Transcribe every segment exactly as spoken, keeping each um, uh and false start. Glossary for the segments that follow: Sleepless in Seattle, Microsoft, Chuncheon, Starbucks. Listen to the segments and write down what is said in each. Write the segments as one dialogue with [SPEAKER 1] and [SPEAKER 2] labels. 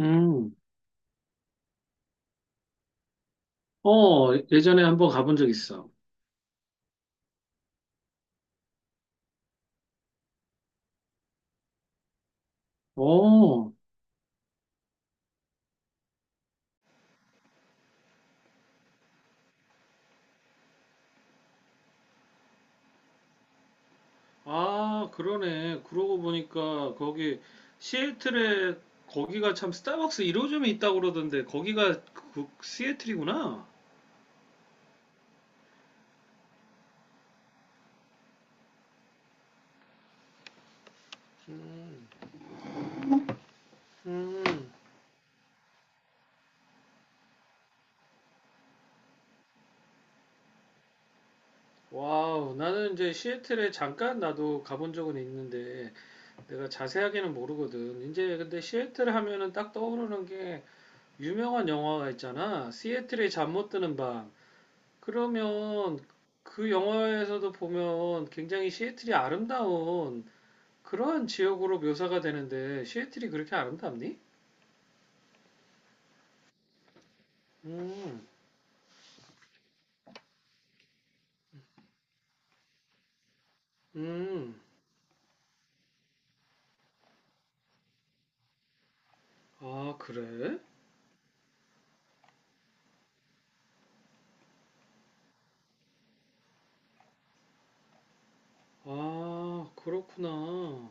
[SPEAKER 1] 음, 어, 예전에 한번 가본 적 있어. 어, 아, 그러네. 그러고 보니까 거기 시애틀에 거기가 참 스타벅스 일호점이 있다고 그러던데 거기가 그 시애틀이구나. 음, 음, 와우. 나는 이제 시애틀에 잠깐 나도 가본 적은 있는데 내가 자세하게는 모르거든. 이제 근데 시애틀 하면은 딱 떠오르는 게 유명한 영화가 있잖아. 시애틀의 잠 못 드는 밤. 그러면 그 영화에서도 보면 굉장히 시애틀이 아름다운 그러한 지역으로 묘사가 되는데 시애틀이 그렇게 아름답니? 음, 음, 아, 그래? 아, 그렇구나.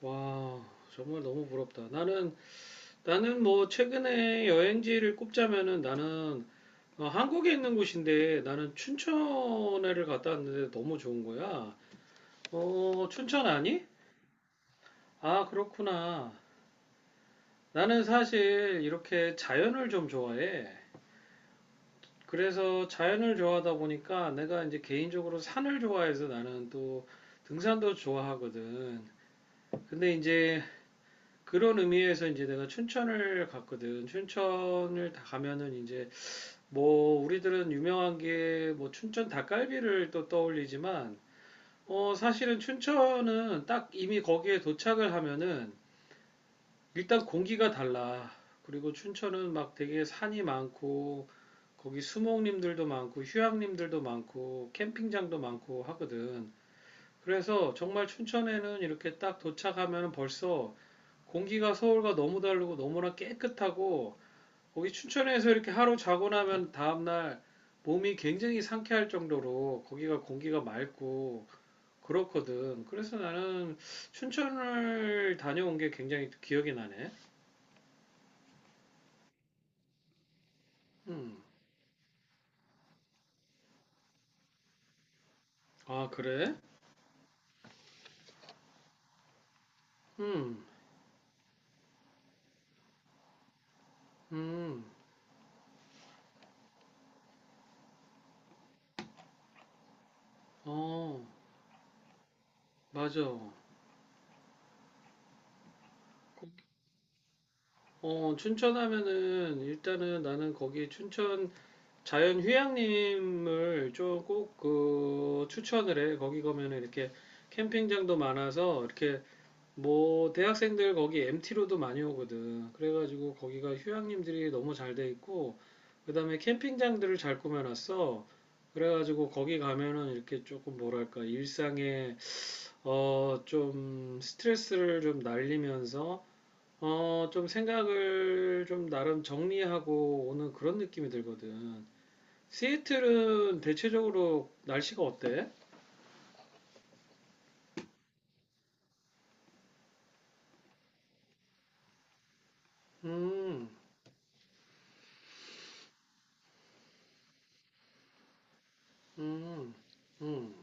[SPEAKER 1] 와, 정말 너무 부럽다. 나는, 나는 뭐 최근에 여행지를 꼽자면은 나는 어, 한국에 있는 곳인데 나는 춘천에를 갔다 왔는데 너무 좋은 거야. 어, 춘천 아니? 아, 그렇구나. 나는 사실 이렇게 자연을 좀 좋아해. 그래서 자연을 좋아하다 보니까 내가 이제 개인적으로 산을 좋아해서 나는 또 등산도 좋아하거든. 근데 이제 그런 의미에서 이제 내가 춘천을 갔거든. 춘천을 다 가면은 이제 뭐 우리들은 유명한 게 뭐 춘천 닭갈비를 또 떠올리지만 어 사실은 춘천은 딱 이미 거기에 도착을 하면은 일단 공기가 달라. 그리고 춘천은 막 되게 산이 많고 거기 수목님들도 많고 휴양님들도 많고 캠핑장도 많고 하거든. 그래서 정말 춘천에는 이렇게 딱 도착하면 벌써 공기가 서울과 너무 다르고 너무나 깨끗하고 거기 춘천에서 이렇게 하루 자고 나면 다음날 몸이 굉장히 상쾌할 정도로 거기가 공기가 맑고 그렇거든. 그래서 나는 춘천을 다녀온 게 굉장히 기억이 나네. 음. 아, 그래? 음, 음, 어, 맞아. 어, 춘천 하면은 일단은 나는 거기 춘천 자연휴양림을 좀 꼭 그 추천을 해. 거기 가면은 이렇게 캠핑장도 많아서 이렇게 뭐 대학생들 거기 엠티로도 많이 오거든. 그래가지고 거기가 휴양림들이 너무 잘 돼 있고 그다음에 캠핑장들을 잘 꾸며놨어. 그래가지고 거기 가면은 이렇게 조금 뭐랄까 일상의 어, 좀 스트레스를 좀 날리면서 어, 좀 생각을 좀 나름 정리하고 오는 그런 느낌이 들거든. 시애틀은 대체적으로 날씨가 어때? 음, 음, 음,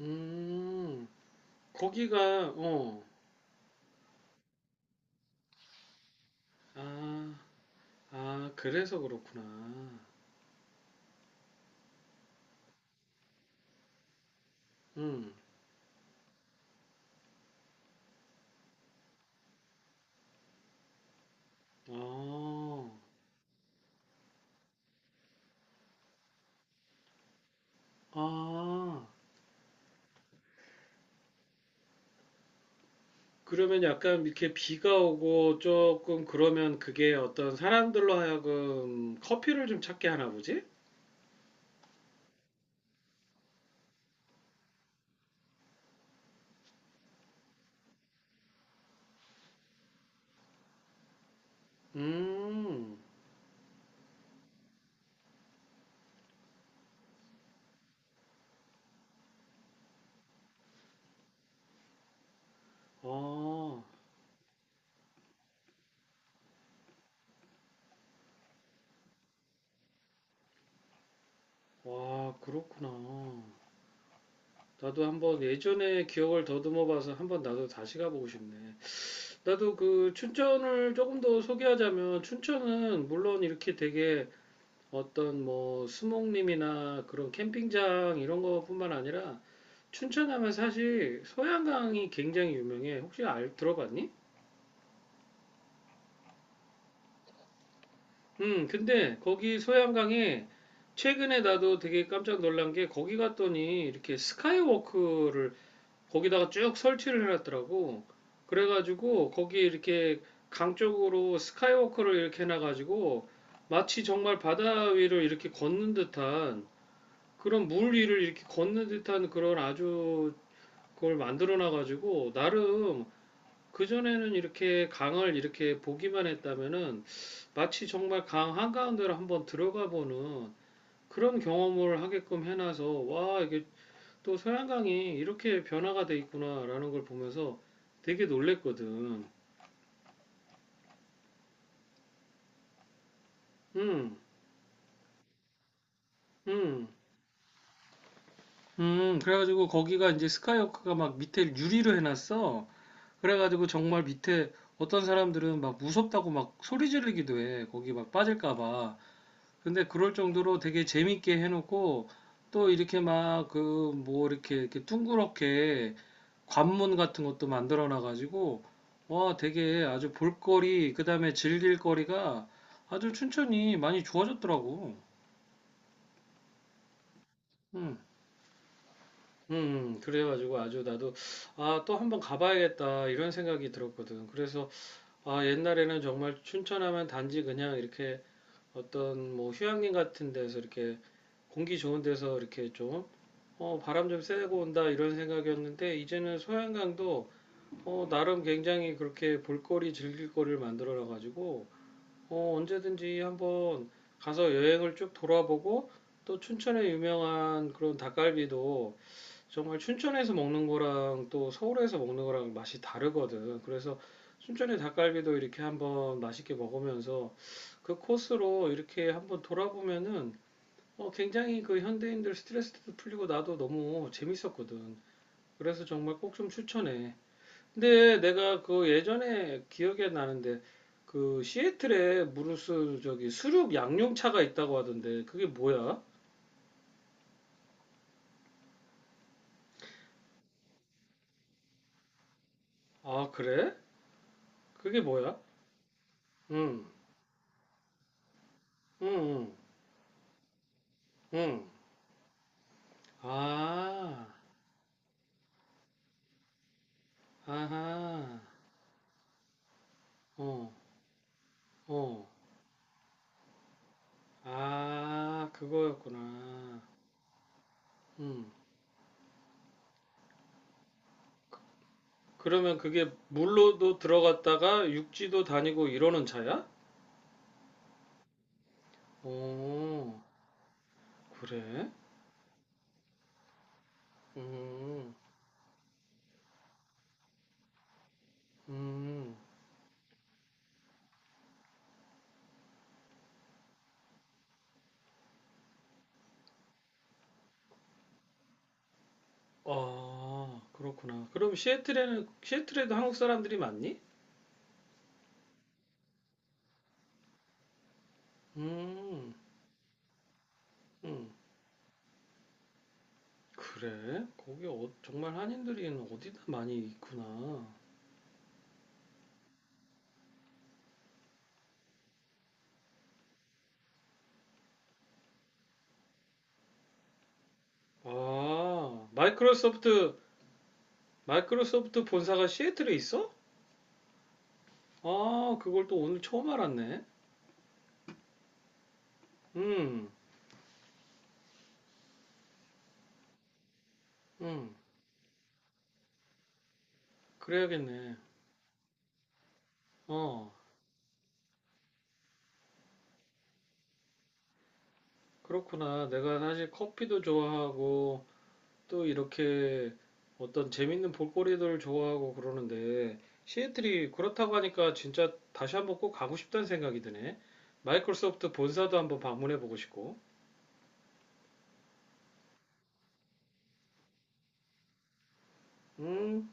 [SPEAKER 1] 음. 거기가 어, 아, 아, 그래서 그렇구나. 음, 어, 아. 그러면 약간 이렇게 비가 오고 조금 그러면 그게 어떤 사람들로 하여금 커피를 좀 찾게 하나 보지? 음, 아, 와, 그렇구나. 나도 한번 예전에 기억을 더듬어 봐서 한번 나도 다시 가보고 싶네. 나도 그 춘천을 조금 더 소개하자면 춘천은 물론 이렇게 되게 어떤 뭐 수목림이나 그런 캠핑장 이런 것뿐만 아니라 춘천 하면 사실 소양강이 굉장히 유명해. 혹시 알 들어봤니? 음, 근데 거기 소양강에 최근에 나도 되게 깜짝 놀란 게 거기 갔더니 이렇게 스카이워크를 거기다가 쭉 설치를 해놨더라고. 그래가지고 거기 이렇게 강 쪽으로 스카이워크를 이렇게 해놔가지고 마치 정말 바다 위를 이렇게 걷는 듯한 그런 물 위를 이렇게 걷는 듯한 그런 아주 그걸 만들어 놔 가지고 나름 그전에는 이렇게 강을 이렇게 보기만 했다면은 마치 정말 강 한가운데로 한번 들어가 보는 그런 경험을 하게끔 해놔서 와 이게 또 소양강이 이렇게 변화가 돼 있구나라는 걸 보면서 되게 놀랬거든. 음, 음, 음. 그래가지고 거기가 이제 스카이워크가 막 밑에 유리로 해놨어. 그래가지고 정말 밑에 어떤 사람들은 막 무섭다고 막 소리 지르기도 해. 거기 막 빠질까 봐. 근데 그럴 정도로 되게 재밌게 해놓고 또 이렇게 막 그 뭐 이렇게 이렇게 둥그렇게 관문 같은 것도 만들어 놔가지고 와 되게 아주 볼거리 그다음에 즐길 거리가 아주 춘천이 많이 좋아졌더라고. 음, 음, 그래가지고 아주 나도 아 또 한번 가봐야겠다 이런 생각이 들었거든. 그래서 아, 옛날에는 정말 춘천하면 단지 그냥 이렇게 어떤 뭐 휴양림 같은 데서 이렇게 공기 좋은 데서 이렇게 좀 어, 바람 좀 쐬고 온다 이런 생각이었는데 이제는 소양강도 어, 나름 굉장히 그렇게 볼거리 즐길 거리를 만들어 가지고 어, 언제든지 한번 가서 여행을 쭉 돌아보고 또 춘천의 유명한 그런 닭갈비도 정말 춘천에서 먹는 거랑 또 서울에서 먹는 거랑 맛이 다르거든. 그래서 춘천의 닭갈비도 이렇게 한번 맛있게 먹으면서 그 코스로 이렇게 한번 돌아보면은 어, 굉장히 그 현대인들 스트레스도 풀리고 나도 너무 재밌었거든. 그래서 정말 꼭 좀 추천해. 근데 내가 그 예전에 기억이 나는데 그 시애틀에 무르스 저기 수륙 양용차가 있다고 하던데 그게 뭐야? 아, 그래? 그게 뭐야? 응, 응, 응, 응. 아, 아하, 어, 어, 아, 그거였구나. 음, 그러면 그게 물로도 들어갔다가 육지도 다니고 이러는 차야? 오, 그래? 음, 음, 아, 그렇구나. 그럼 시애틀에는, 시애틀에도 한국 사람들이 많니? 음, 음, 그래? 거기 어, 정말 한인들이 어디다 많이 있구나. 아, 마이크로소프트 마이크로소프트 본사가 시애틀에 있어? 아, 그걸 또 오늘 처음 알았네. 음, 음, 그래야겠네. 어, 그렇구나. 내가 사실 커피도 좋아하고 또 이렇게 어떤 재밌는 볼거리들 좋아하고 그러는데 시애틀이 그렇다고 하니까 진짜 다시 한번 꼭 가고 싶다는 생각이 드네. 마이크로소프트 본사도 한번 방문해 보고 싶고. 음,